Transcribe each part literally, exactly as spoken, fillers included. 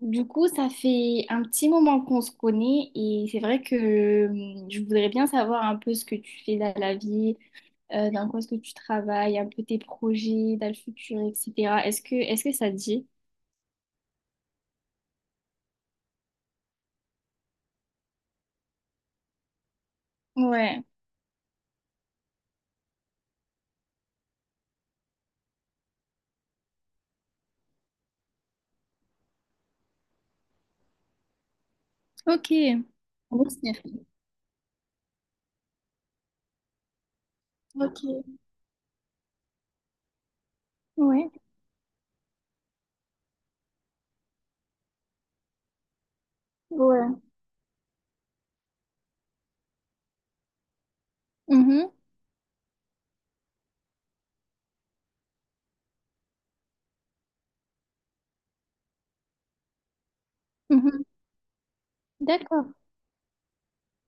Du coup, ça fait un petit moment qu'on se connaît et c'est vrai que euh, je voudrais bien savoir un peu ce que tu fais dans la vie, euh, dans quoi est-ce que tu travailles, un peu tes projets dans le futur, et cetera. Est-ce que, est-ce que ça te dit? Ouais, ok. Oui, ok, ouais, ouais. Mhm, mhm. D'accord,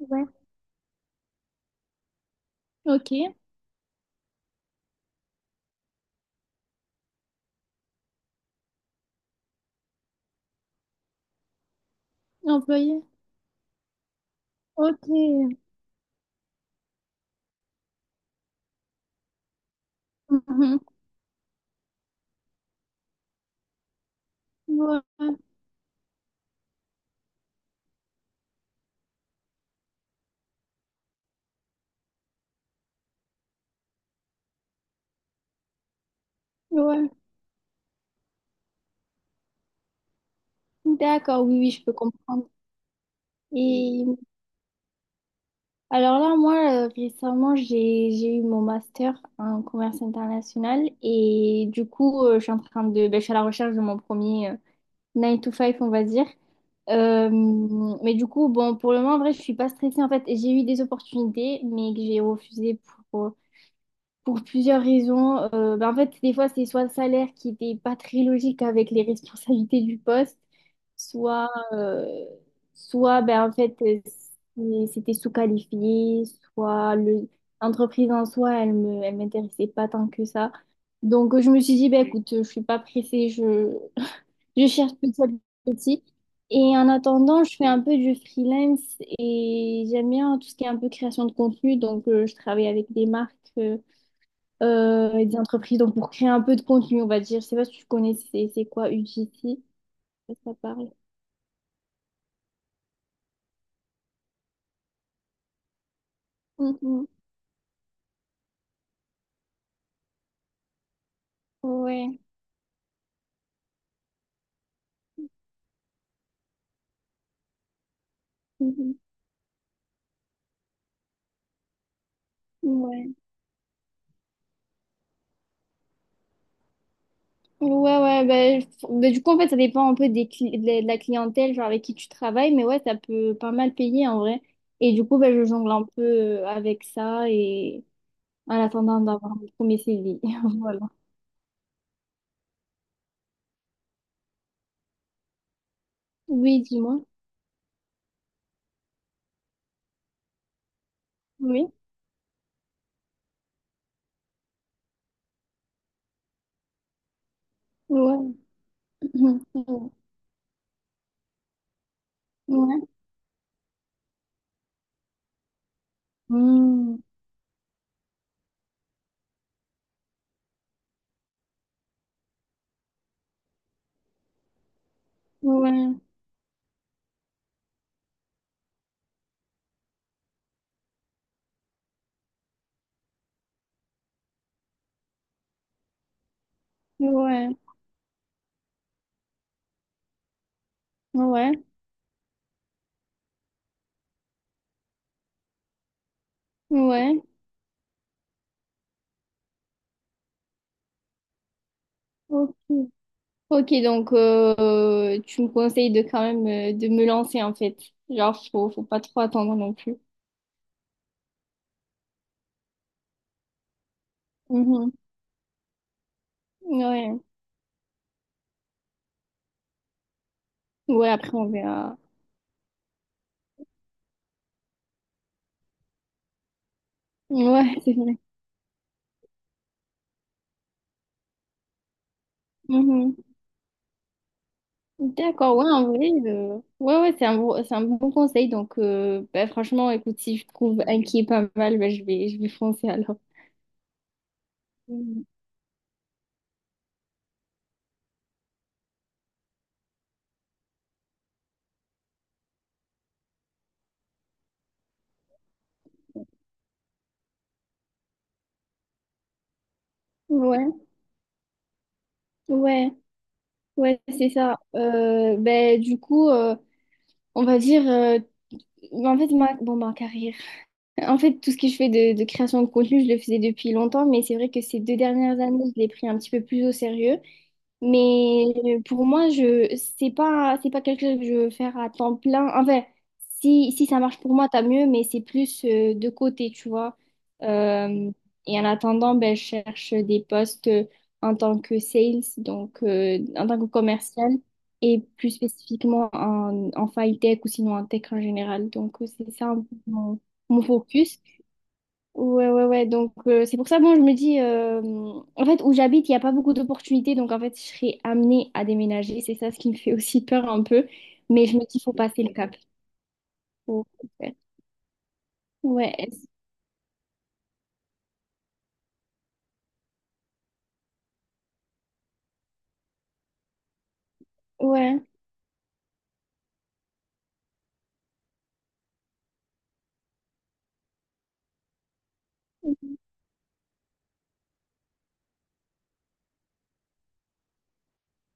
ouais. Ok, employé. Ok. Mhm. Ouais, ouais. D'accord, oui, oui, je peux comprendre. Et Alors là, moi, euh, récemment, j'ai, j'ai eu mon master en commerce international et du coup, euh, je suis en train de, ben, je suis à la recherche de mon premier euh, nine to five, on va dire. Euh, mais du coup, bon, pour le moment, en vrai, je suis pas stressée en fait. J'ai eu des opportunités, mais que j'ai refusées pour, euh, pour plusieurs raisons. Euh, ben, en fait, des fois, c'est soit le salaire qui n'était pas très logique avec les responsabilités du poste, soit, euh, soit ben, en fait, euh, c'est- c'était sous-qualifié, soit le- l'entreprise en soi, elle me, elle m'intéressait pas tant que ça. Donc, euh, je me suis dit, ben, écoute, je suis pas pressée, je, je cherche petit à petit. Et en attendant, je fais un peu du freelance et j'aime bien tout ce qui est un peu création de contenu. Donc, euh, je travaille avec des marques. Euh, euh, et des entreprises, donc pour créer un peu de contenu, on va dire. Je sais pas si tu connais, c'est c'est quoi U G C? Ça ça parle. Mhm. Ouais. Mhm. Ouais. Ouais, ouais, bah, f- bah, du coup, en fait, ça dépend un peu des cli- de la de la clientèle, genre avec qui tu travailles, mais ouais, ça peut pas mal payer en vrai. Et du coup, bah, je jongle un peu euh, avec ça et en attendant d'avoir mon premier C D I. Voilà. Oui, dis-moi. Oui. Ouais. Ouais. Ouais. Hmm. Ouais. Ouais. Ouais. Ouais. Ok, ok, donc euh, tu me conseilles de quand même euh, de me lancer en fait. Genre, faut, faut pas trop attendre non plus. Mhm. Ouais. Ouais, après on verra. Ouais, c'est vrai. Mhm. D'accord, ouais, en vrai, euh, ouais, ouais, c'est un bon, c'est un bon conseil. Donc, euh, bah, franchement, écoute, si je trouve un qui est pas mal, bah, je vais, je vais foncer alors. Mhm. Ouais, ouais, ouais, c'est ça. Euh, ben, du coup, euh, on va dire, euh, bah, en fait, moi, bon, ma carrière. En fait, tout ce que je fais de, de création de contenu, je le faisais depuis longtemps, mais c'est vrai que ces deux dernières années, je l'ai pris un petit peu plus au sérieux. Mais euh, pour moi, je c'est pas c'est pas quelque chose que je veux faire à temps plein. Enfin, si, si ça marche pour moi, tant mieux, mais c'est plus euh, de côté, tu vois. Euh, et en attendant, ben, je cherche des postes euh, en tant que sales, donc euh, en tant que commercial, et plus spécifiquement en, en file tech ou sinon en tech en général. Donc euh, c'est ça un peu mon, mon focus. Ouais, ouais, ouais. Donc, euh, c'est pour ça, bon, je me dis, euh, en fait, où j'habite, il n'y a pas beaucoup d'opportunités. Donc, en fait, je serais amenée à déménager. C'est ça ce qui me fait aussi peur un peu. Mais je me dis, faut passer le cap. Faut- faut le faire. Ouais, est-ce- ouais,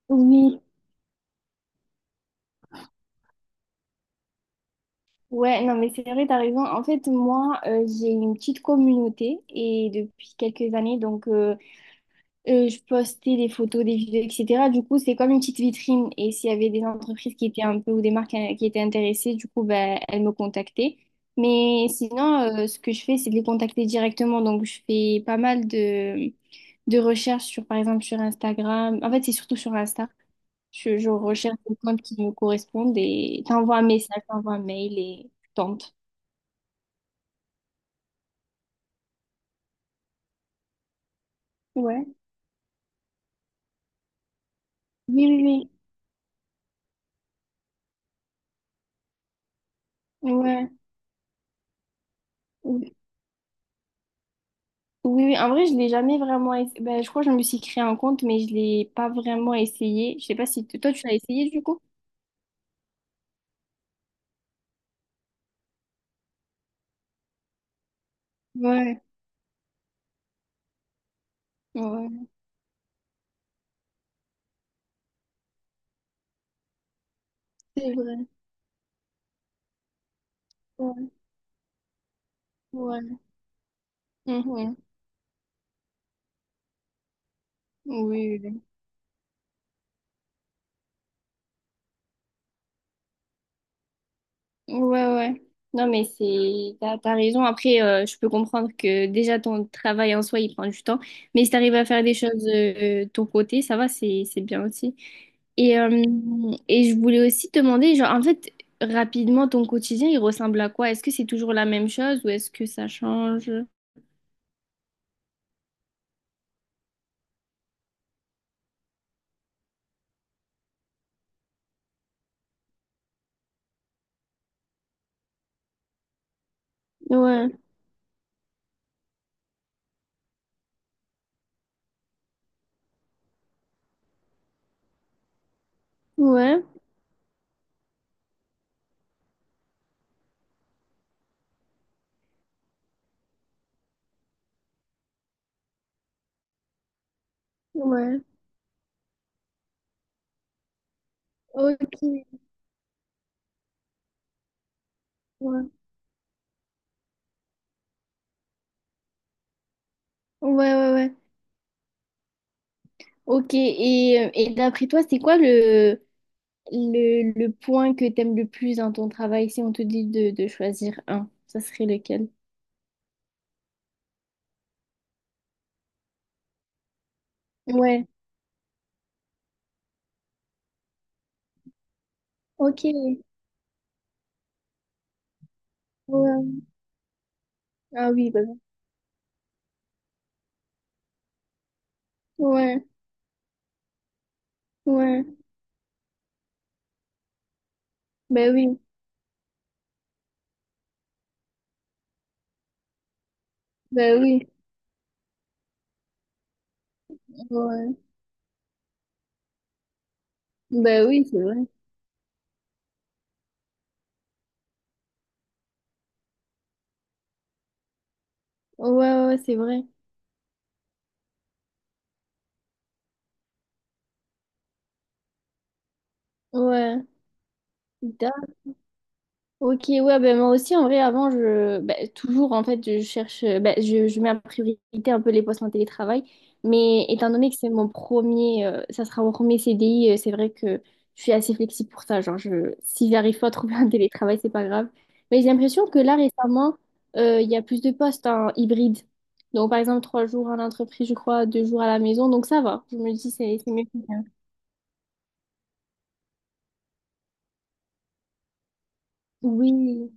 oui. Ouais, non, mais c'est vrai, t'as raison. En fait, moi, euh, j'ai une petite communauté et depuis quelques années, donc, euh, Euh, je postais des photos, des vidéos, et cetera. Du coup, c'est comme une petite vitrine. Et s'il y avait des entreprises qui étaient un peu ou des marques euh, qui étaient intéressées, du coup, ben, elles me contactaient. Mais sinon, euh, ce que je fais, c'est de les contacter directement. Donc, je fais pas mal de, de recherches sur, par exemple, sur Instagram. En fait, c'est surtout sur Insta. Je, je recherche des comptes qui me correspondent et t'envoies un message, t'envoies un mail et tu tentes. Ouais. Oui, oui, oui. Ouais. Oui, oui, en vrai, je l'ai jamais vraiment essayé. Ben, je crois que je me suis créé un compte, mais je l'ai pas vraiment essayé. Je sais pas si t- toi, tu l'as essayé du coup? Ouais, ouais, c'est vrai. Ouais, ouais. Mhm. Oui, oui, oui. Ouais, ouais. Non, mais c'est, t'as, t'as raison. Après, euh, je peux comprendre que déjà ton travail en soi, il prend du temps. Mais si t'arrives à faire des choses euh, de ton côté, ça va, c'est, c'est bien aussi. Et, euh, et je voulais aussi te demander, genre, en fait, rapidement, ton quotidien, il ressemble à quoi? Est-ce que c'est toujours la même chose ou est-ce que ça change? Ouais, ouais, ouais. Ok, ouais, ouais, ouais, ouais. Ok, et, euh, et d'après toi, c'est quoi le, Le, le point que t'aimes le plus dans ton travail, si on te dit de, de choisir un, ça serait lequel? Ouais, ok. Ouais. Ah oui, bah, ouais, ouais. Bah oui, bah oui, ouais. Bah oui, c'est vrai. Ouais, ouais, c'est vrai. Ouais. Ok, ouais, ben moi aussi, en vrai, avant, je, ben, toujours, en fait, je cherche, ben, je, je mets en priorité un peu les postes en télétravail, mais étant donné que c'est mon premier, euh, ça sera mon premier C D I, euh, c'est vrai que je suis assez flexible pour ça, genre, je, si j'arrive pas à trouver un télétravail, c'est pas grave. Mais j'ai l'impression que là, récemment, euh, il y a plus de postes en hybride. Donc, par exemple, trois jours à l'entreprise, je crois, deux jours à la maison, donc ça va. Je me dis, c'est c'est mieux que rien. Oui,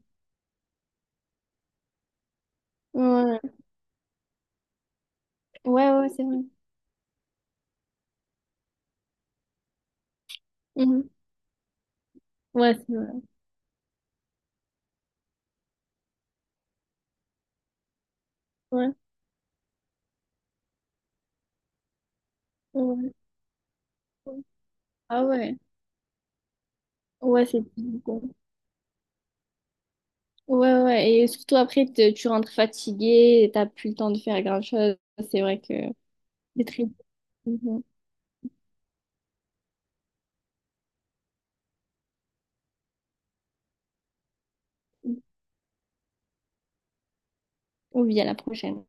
ouais, ouais, ouais, c'est vrai. Mhm. Ouais, c'est vrai. Ouais, ouais. Ah ouais, ouais, c'est bon. Ouais, ouais, et surtout après, te- tu rentres fatigué, t'as plus le temps de faire grand-chose. C'est vrai que c'est très. Mhm. Ou bien à la prochaine.